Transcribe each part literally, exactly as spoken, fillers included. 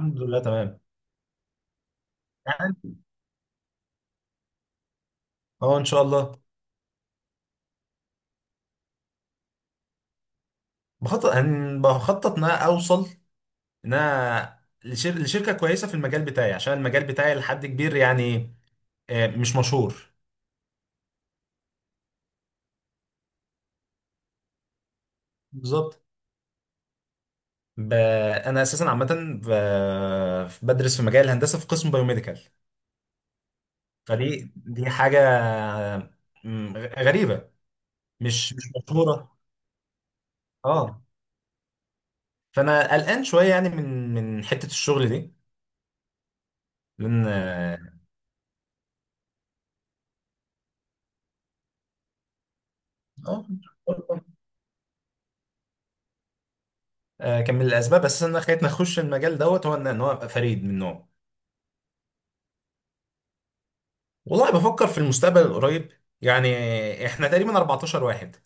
الحمد لله تمام. يعني، اه ان شاء الله. بخطط أن- بخطط ان انا اوصل، ان انا لشر... لشركه كويسه في المجال بتاعي، عشان المجال بتاعي لحد كبير يعني، آه، مش مشهور. بالظبط. ب... انا اساسا عامه، ب... بدرس في مجال الهندسه في قسم بايوميديكال. فدي دي حاجه، م، غريبه. مش مش مشهوره. اه. فانا قلقان شويه يعني، من من حته الشغل دي، لان. اه آه، كان من الاسباب اساسا اللي خلتني اخش المجال دوت هو ان إن هو ابقى فريد من نوعه. والله بفكر في المستقبل القريب. يعني احنا تقريبا اربعة عشر واحد،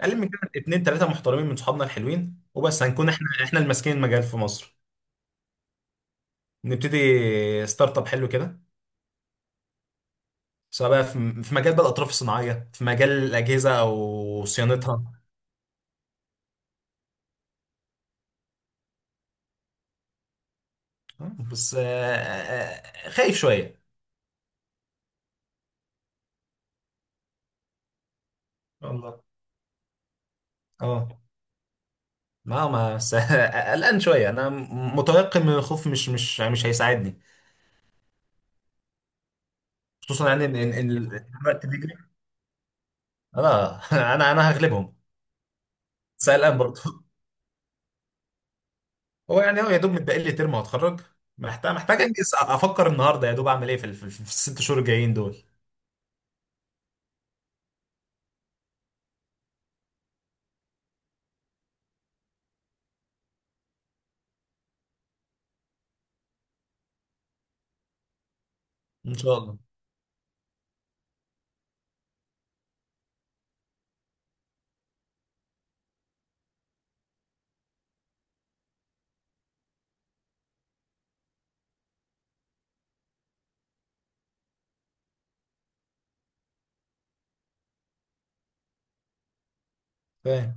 اقل من كده اتنين تلاته محترمين من صحابنا الحلوين، وبس هنكون احنا احنا اللي ماسكين المجال في مصر. نبتدي ستارت اب حلو كده، سواء بقى في في مجال بقى الاطراف الصناعيه، في مجال الاجهزه او صيانتها. آه، بس، آه، آه، خايف شويه. والله، اه ما ما بس قلقان شويه انا. متيقن من الخوف، مش مش مش هيساعدني. خصوصا يعني ان ان إن الوقت بيجري. انا انا انا هغلبهم. سألان برضه هو يعني هو يا دوب متبقي لي ترم وهتخرج. محتاج محتاج انجز، افكر النهارده يا دوب اعمل ايه في ال- في ال- في الست شهور الجايين دول. ان شاء الله. فاهم.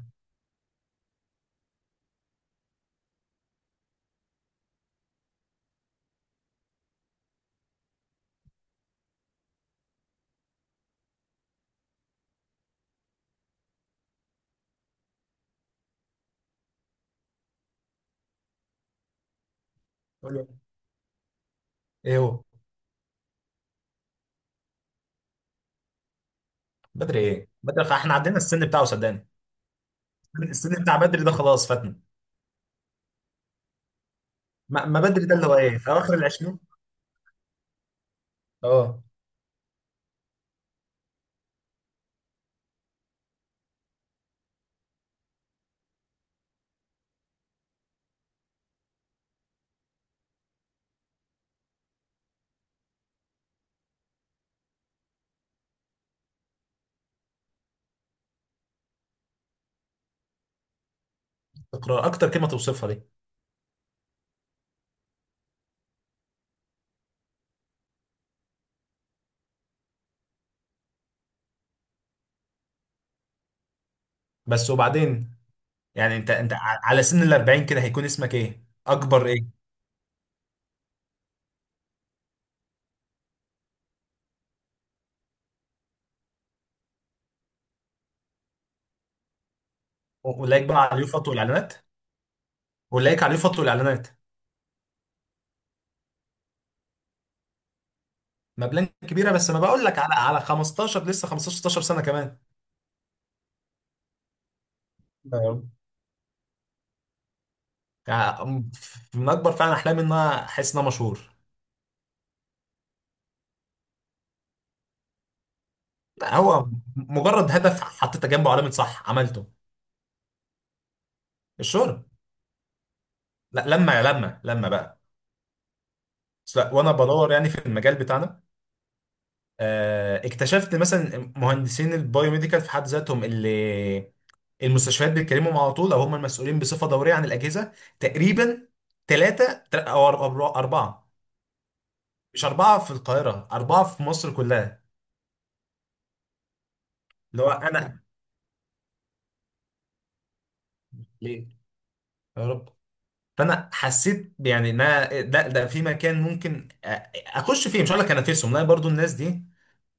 حلو. ايه هو؟ بدري؟ ايه بدري؟ خ- احنا عدينا السن بتاعه، صدقني. السن بتاع بدري ده خلاص فاتنا. ما, ما بدري ده اللي هو ايه في اواخر العشرين. اه. اقرا اكتر كلمه توصفها دي. بس، وبعدين يعني انت انت ع- على سن ال اربعين كده، هيكون اسمك ايه، اكبر ايه؟ ولايك بقى على اليوفط والاعلانات، والاقيك عليه فترة الاعلانات. مبلغ كبيره، بس ما بقول لك على على خمستاشر، لسه خمستاشر ستاشر سنه كمان. أيوة. يعني، من اكبر فعلا احلامي ان انا احس ان انا مشهور. لا هو مجرد هدف حطيت جنبه علامه صح، عملته. الشهرة. لا، لما لما لما بقى. بس لا، وانا بدور يعني في المجال بتاعنا، آه، اكتشفت مثلا مهندسين البايوميديكال في حد ذاتهم اللي المستشفيات بيتكلموا على طول، او هم المسؤولين بصفه دوريه عن الاجهزه، تقريبا ثلاثه او اربعه. مش أربعة في القاهرة، أربعة في مصر كلها. اللي هو أنا. ليه؟ يا رب. فأنا حسيت يعني إن أنا ده ده في مكان ممكن أ- أخش فيه، مش هقول لك أنافسهم، لا، برضو الناس دي،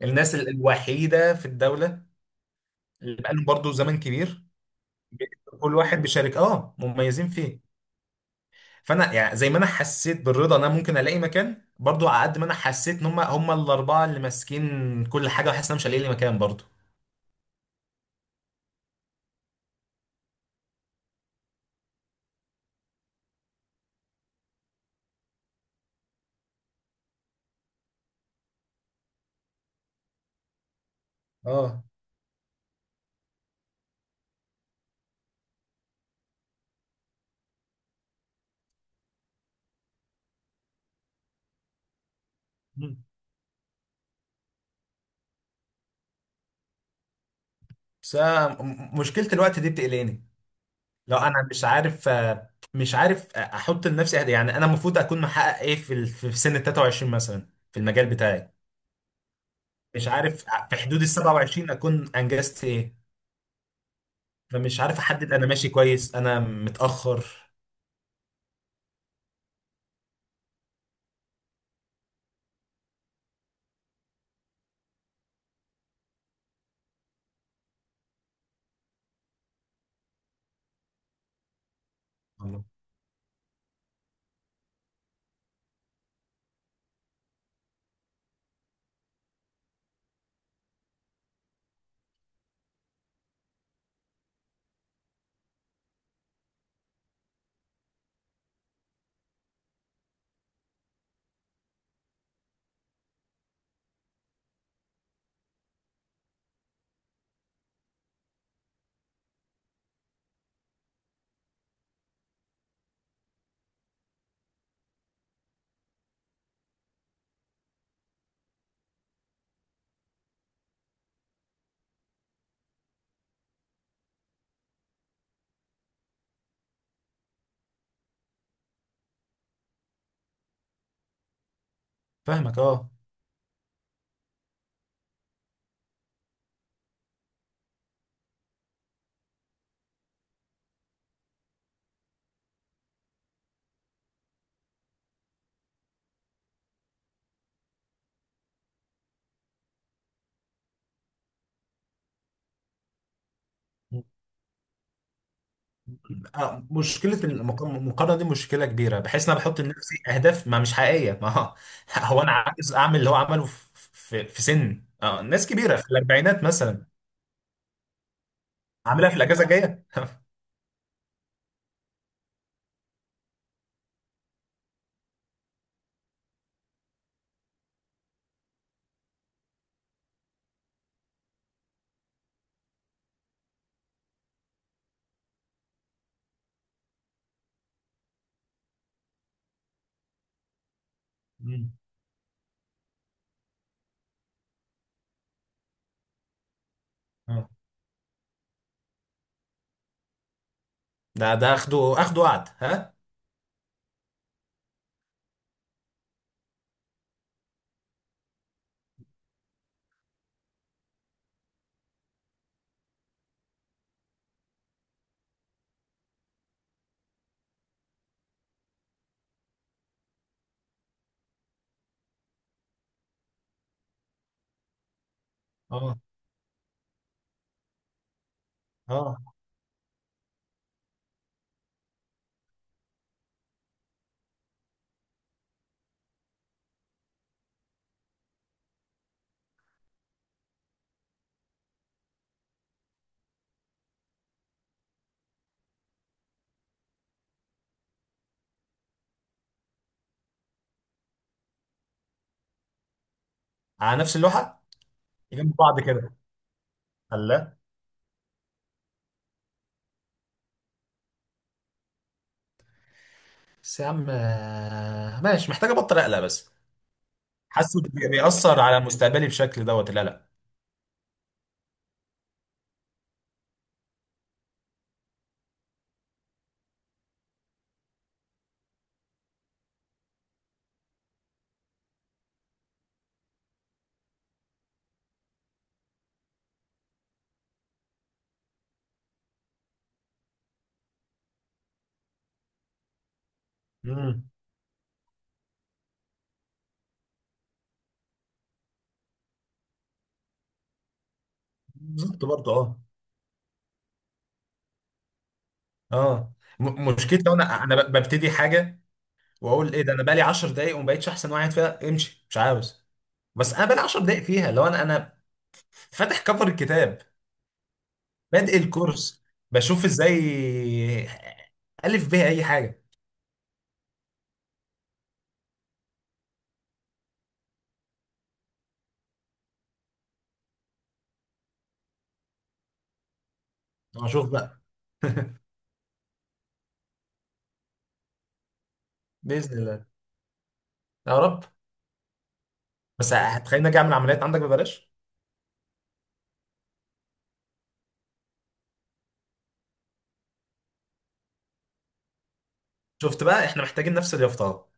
الناس ال- الوحيدة في الدولة اللي بقالهم برضو زمن كبير، كل واحد بيشارك أه مميزين فيه. فأنا يعني زي ما أنا حسيت بالرضا إن أنا ممكن ألاقي مكان برضو، على قد ما أنا حسيت إن هم هم الأربعة اللي ماسكين كل حاجة، وحاسس إن أنا مش هلاقي لي مكان برضو. اه. مم. بس أنا م- مشكلة الوقت دي بتقلقني. لا انا مش عارف، آه، مش عارف، آه، احط لنفسي أهداف. يعني انا المفروض اكون محقق ايه في ال- في سن ال تلاته وعشرين مثلا في المجال بتاعي. مش عارف في حدود ال سبعة وعشرين اكون انجزت ايه. فمش عارف احدد انا ماشي كويس، انا متاخر. الله. فاهمك. اه، آه، مشكله المق- المقارنه دي مشكله كبيره، بحيث ان انا بحط لنفسي اهداف ما مش حقيقيه. ما هو هو انا عايز اعمل اللي هو عمله في في في سن، آه، ناس كبيره في الاربعينات مثلا، عاملها في الاجازه الجايه مم. آه. ده ده اخده اخده قعد ها. اه اه. على نفس اللوحه، جنب بعض كده. الله. بس يا عم، آه، ماشي، محتاج ابطل اقلق بس. حاسه بي- بيأثر على مستقبلي بشكل دوت القلق. امم. بالظبط برضه. اه، اه م- مشكلتي، لو انا انا ب- ببتدي حاجه واقول ايه ده، انا بقالي عشر دقايق وما بقتش احسن واحد فيها، امشي مش عاوز. بس انا بقالي عشر دقايق فيها، لو انا انا فاتح كفر الكتاب، بادئ الكورس، بشوف ازاي الف بيها اي حاجه. طب اشوف بقى باذن الله. يا رب. بس هتخليني اجي اعمل عمليات عندك ببلاش. شفت بقى احنا محتاجين نفس اليافطه.